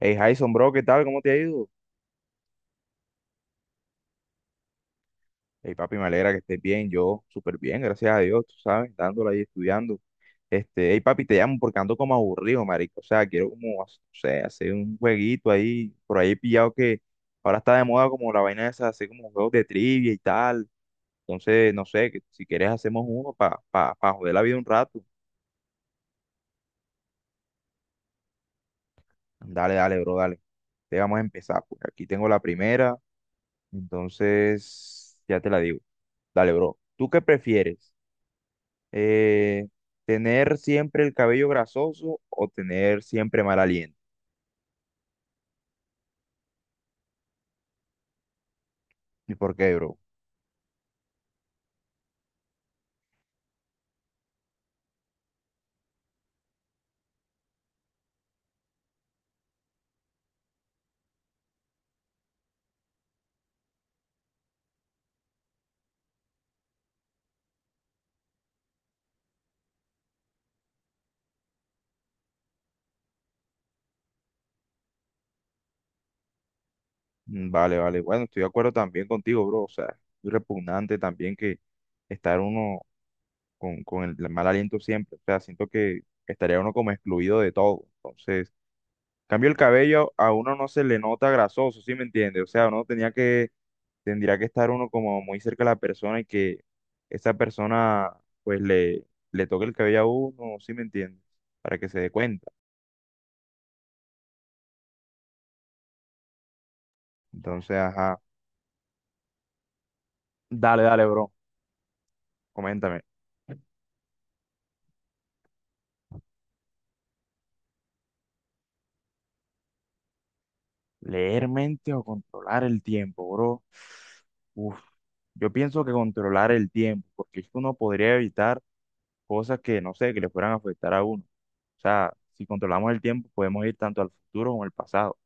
Hey, Jason, bro, ¿qué tal? ¿Cómo te ha ido? Hey, papi, me alegra que estés bien. Yo, súper bien, gracias a Dios, tú sabes, dándole ahí estudiando. Hey, papi, te llamo porque ando como aburrido, marico. O sea, quiero como, no sé, hacer un jueguito ahí, por ahí pillado que ahora está de moda como la vaina esa, hacer como juegos de trivia y tal. Entonces, no sé, que si quieres hacemos uno para pa joder la vida un rato. Dale, dale, bro, dale. Te vamos a empezar, pues aquí tengo la primera, entonces ya te la digo. Dale, bro. ¿Tú qué prefieres? eh, Tener siempre el cabello grasoso o tener siempre mal aliento. ¿Y por qué, bro? Mm, vale, vale. Bueno, estoy de acuerdo también contigo, bro. O sea, es repugnante también que estar uno con el mal aliento siempre. O sea, siento que estaría uno como excluido de todo. Entonces, en cambio el cabello, a uno no se le nota grasoso, ¿sí me entiendes? O sea, uno tenía que tendría que estar uno como muy cerca de la persona y que esa persona pues le toque el cabello a uno, ¿sí me entiendes? Para que se dé cuenta. Entonces, ajá. Dale, dale, bro. Coméntame. ¿Leer mente o controlar el tiempo, bro? Uf, yo pienso que controlar el tiempo, porque es que uno podría evitar cosas que, no sé, que le fueran a afectar a uno. O sea, si controlamos el tiempo, podemos ir tanto al futuro como al pasado.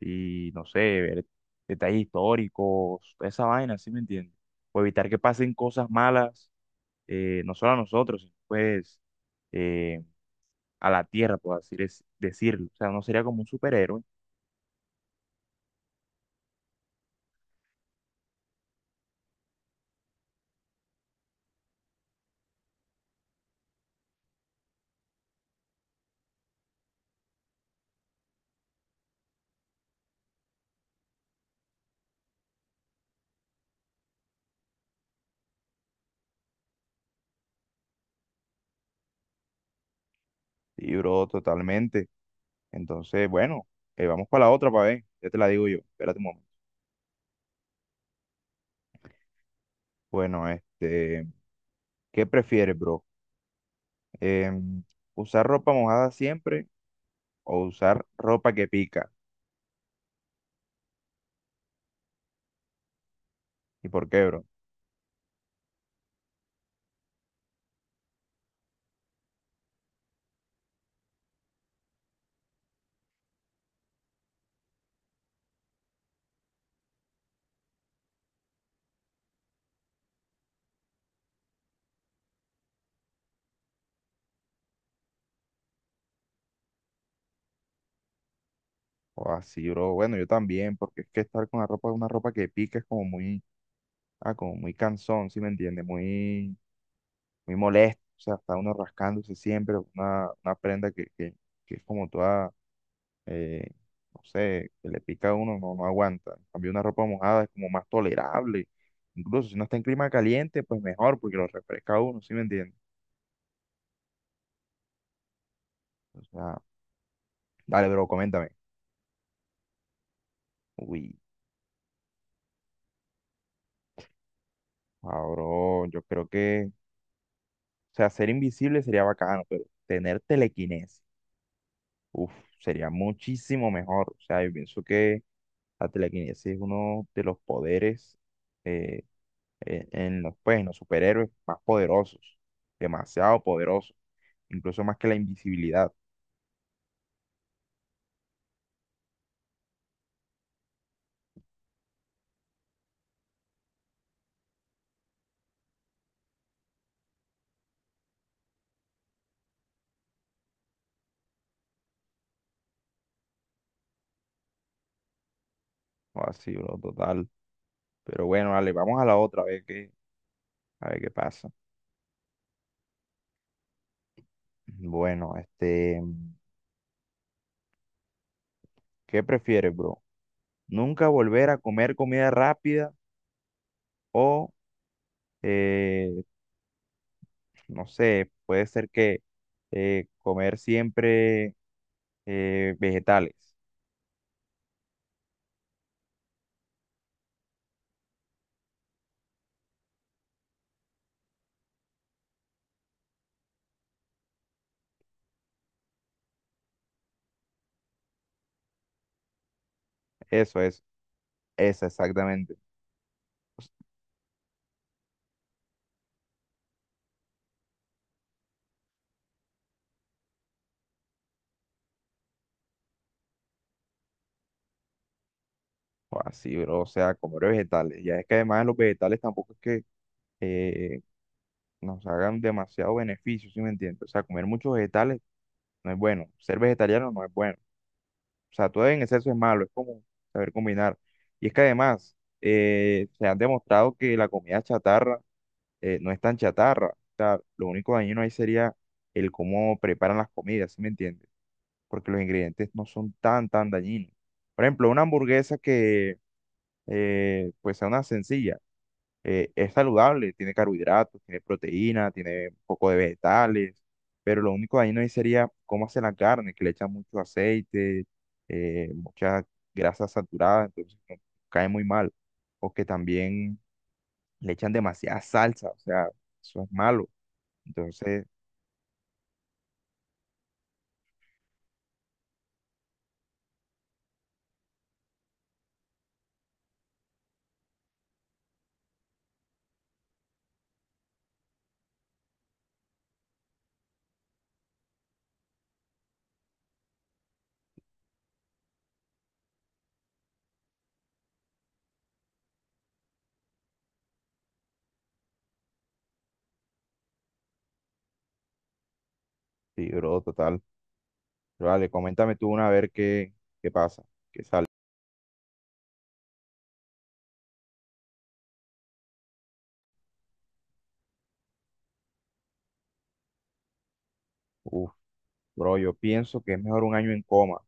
Y no sé, ver detalles históricos, toda esa vaina, ¿sí me entiendes? O evitar que pasen cosas malas, no solo a nosotros, sino pues eh, a la tierra, por así decirlo. O sea, no sería como un superhéroe. Sí, bro, totalmente. Entonces, bueno, vamos para la otra, para ver. Ya te la digo yo. Espérate un momento. Bueno, ¿qué prefieres, bro? Em, ¿Usar ropa mojada siempre o usar ropa que pica? ¿Y por qué, bro? O así, bro. Bueno, yo también, porque es que estar con la ropa, una ropa que pica es como muy, ah, como muy cansón, ¿sí me entiendes? Muy, muy molesto. O sea, está uno rascándose siempre, una prenda que es como toda, eh, no sé, que le pica a uno, no, no aguanta. En cambio, una ropa mojada es como más tolerable. Incluso si no está en clima caliente, pues mejor, porque lo refresca a uno, ¿sí me entiendes? O sea, dale, bro, coméntame. Uy, ah, bro, yo creo que, o sea, ser invisible sería bacano, pero tener telequinesis. Uf, sería muchísimo mejor. O sea, yo pienso que la telequinesis es uno de los poderes eh, en los, pues, en los superhéroes más poderosos, demasiado poderosos, incluso más que la invisibilidad. O así, bro, total. Pero bueno, dale, vamos a la otra, a ver qué pasa. Bueno, ¿qué prefieres, bro? ¿Nunca volver a comer comida rápida o, eh, no sé, puede ser que comer siempre vegetales? Eso es, esa exactamente. Así, bro, o sea, comer vegetales. Ya es que además los vegetales tampoco es que eh, nos hagan demasiado beneficio, ¿sí me entiendes? O sea, comer muchos vegetales no es bueno. Ser vegetariano no es bueno. O sea, todo en exceso es malo, es como saber combinar. Y es que además se han demostrado que la comida chatarra no es tan chatarra. O sea, lo único dañino ahí sería el cómo preparan las comidas, ¿sí me entiendes? Porque los ingredientes no son tan, tan dañinos. Por ejemplo, una hamburguesa que pues sea una sencilla, es saludable, tiene carbohidratos, tiene proteína, tiene un poco de vegetales, pero lo único dañino ahí sería cómo hace la carne, que le echan mucho aceite, mucha grasa saturada, entonces cae muy mal. O que también le echan demasiada salsa, o sea, eso es malo. Entonces, sí, bro, total. Vale, coméntame tú una a ver qué, qué pasa. Uf. Bro, yo pienso que es mejor un año en coma, o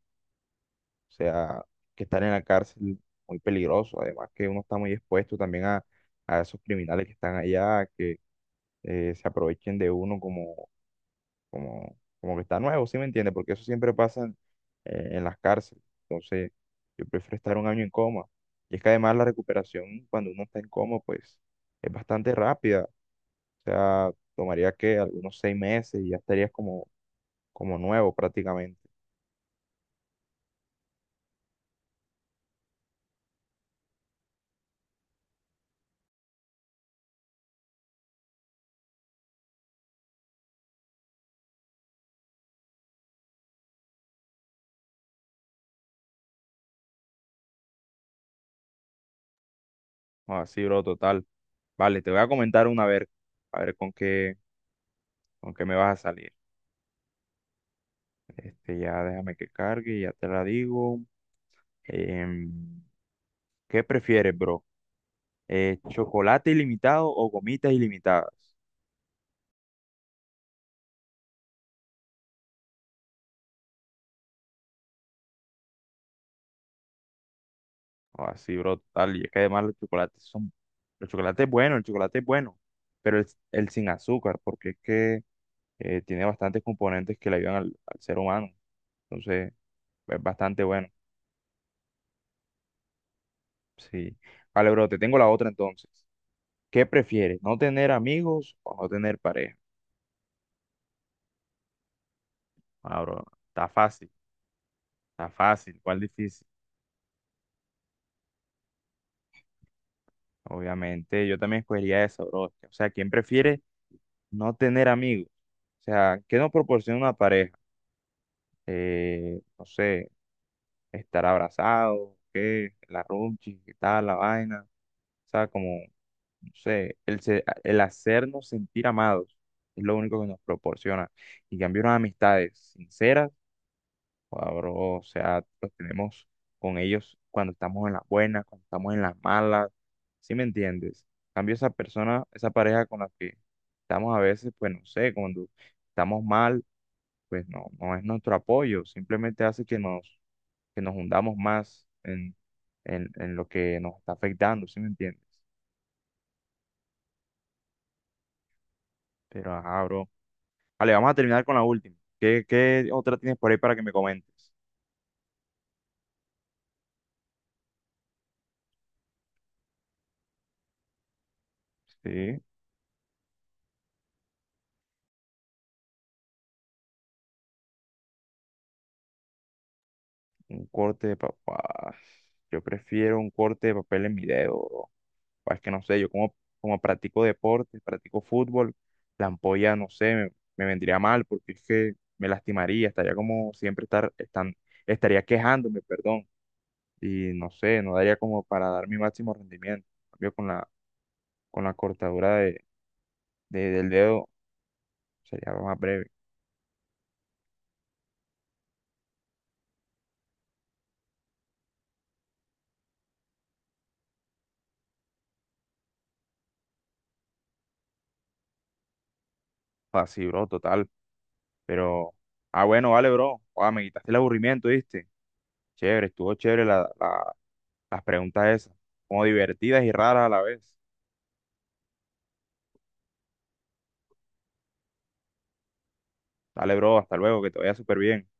sea, que estar en la cárcel muy peligroso, además que uno está muy expuesto también a esos criminales que están allá, que se aprovechen de uno como, como, como que está nuevo, ¿sí me entiende? Porque eso siempre pasa en las cárceles, entonces yo prefiero estar un año en coma. Y es que además la recuperación cuando uno está en coma, pues es bastante rápida, o sea, tomaría que algunos seis meses y ya estarías como, como nuevo prácticamente. Así, bro, total. Vale, te voy a comentar una vez, a ver con qué me vas a salir. Ya déjame que cargue, ya te la digo. Em, ¿Qué prefieres, bro? ¿Chocolate ilimitado o gomitas ilimitadas? Así, bro, total. Y es que además los chocolates son, los chocolates bueno el chocolate es bueno, pero el sin azúcar, porque es que tiene bastantes componentes que le ayudan al, al ser humano. Entonces, es bastante bueno. Sí. Vale, bro, te tengo la otra entonces. ¿Qué prefieres? ¿No tener amigos o no tener pareja? Ah, bro, está fácil, ¿cuál difícil? Obviamente, yo también escogería eso, bro. O sea, ¿quién prefiere no tener amigos? O sea, ¿qué nos proporciona una pareja? No sé, estar abrazado, ¿qué? La runchi, ¿qué tal? La vaina. O sea, como, no sé, el hacernos sentir amados es lo único que nos proporciona. Y en cambio, unas amistades sinceras. Joda, bro, o sea, los tenemos con ellos cuando estamos en las buenas, cuando estamos en las malas, ¿sí me entiendes? En cambio, esa persona, esa pareja con la que estamos a veces, pues no sé, cuando estamos mal, pues no, no es nuestro apoyo, simplemente hace que nos hundamos más en lo que nos está afectando, ¿sí me entiendes? Pero, ajá, bro. Vale, vamos a terminar con la última. ¿Qué, qué otra tienes por ahí para que me comentes? Sí. Un corte de papá. Yo prefiero un corte de papel en mi dedo, bro. Es que no sé, yo como, como practico deporte, practico fútbol, la ampolla, no sé, me vendría mal porque es que me lastimaría, estaría como siempre estaría quejándome, perdón. Y no sé, no daría como para dar mi máximo rendimiento. En cambio, con la cortadura de, del dedo sería algo más breve. Así, bro, total. Pero, ah, bueno, vale, bro. Ah, me quitaste el aburrimiento, ¿viste? Chévere, estuvo chévere la, la las preguntas esas, como divertidas y raras a la vez. Dale, bro, hasta luego, que te vaya súper bien.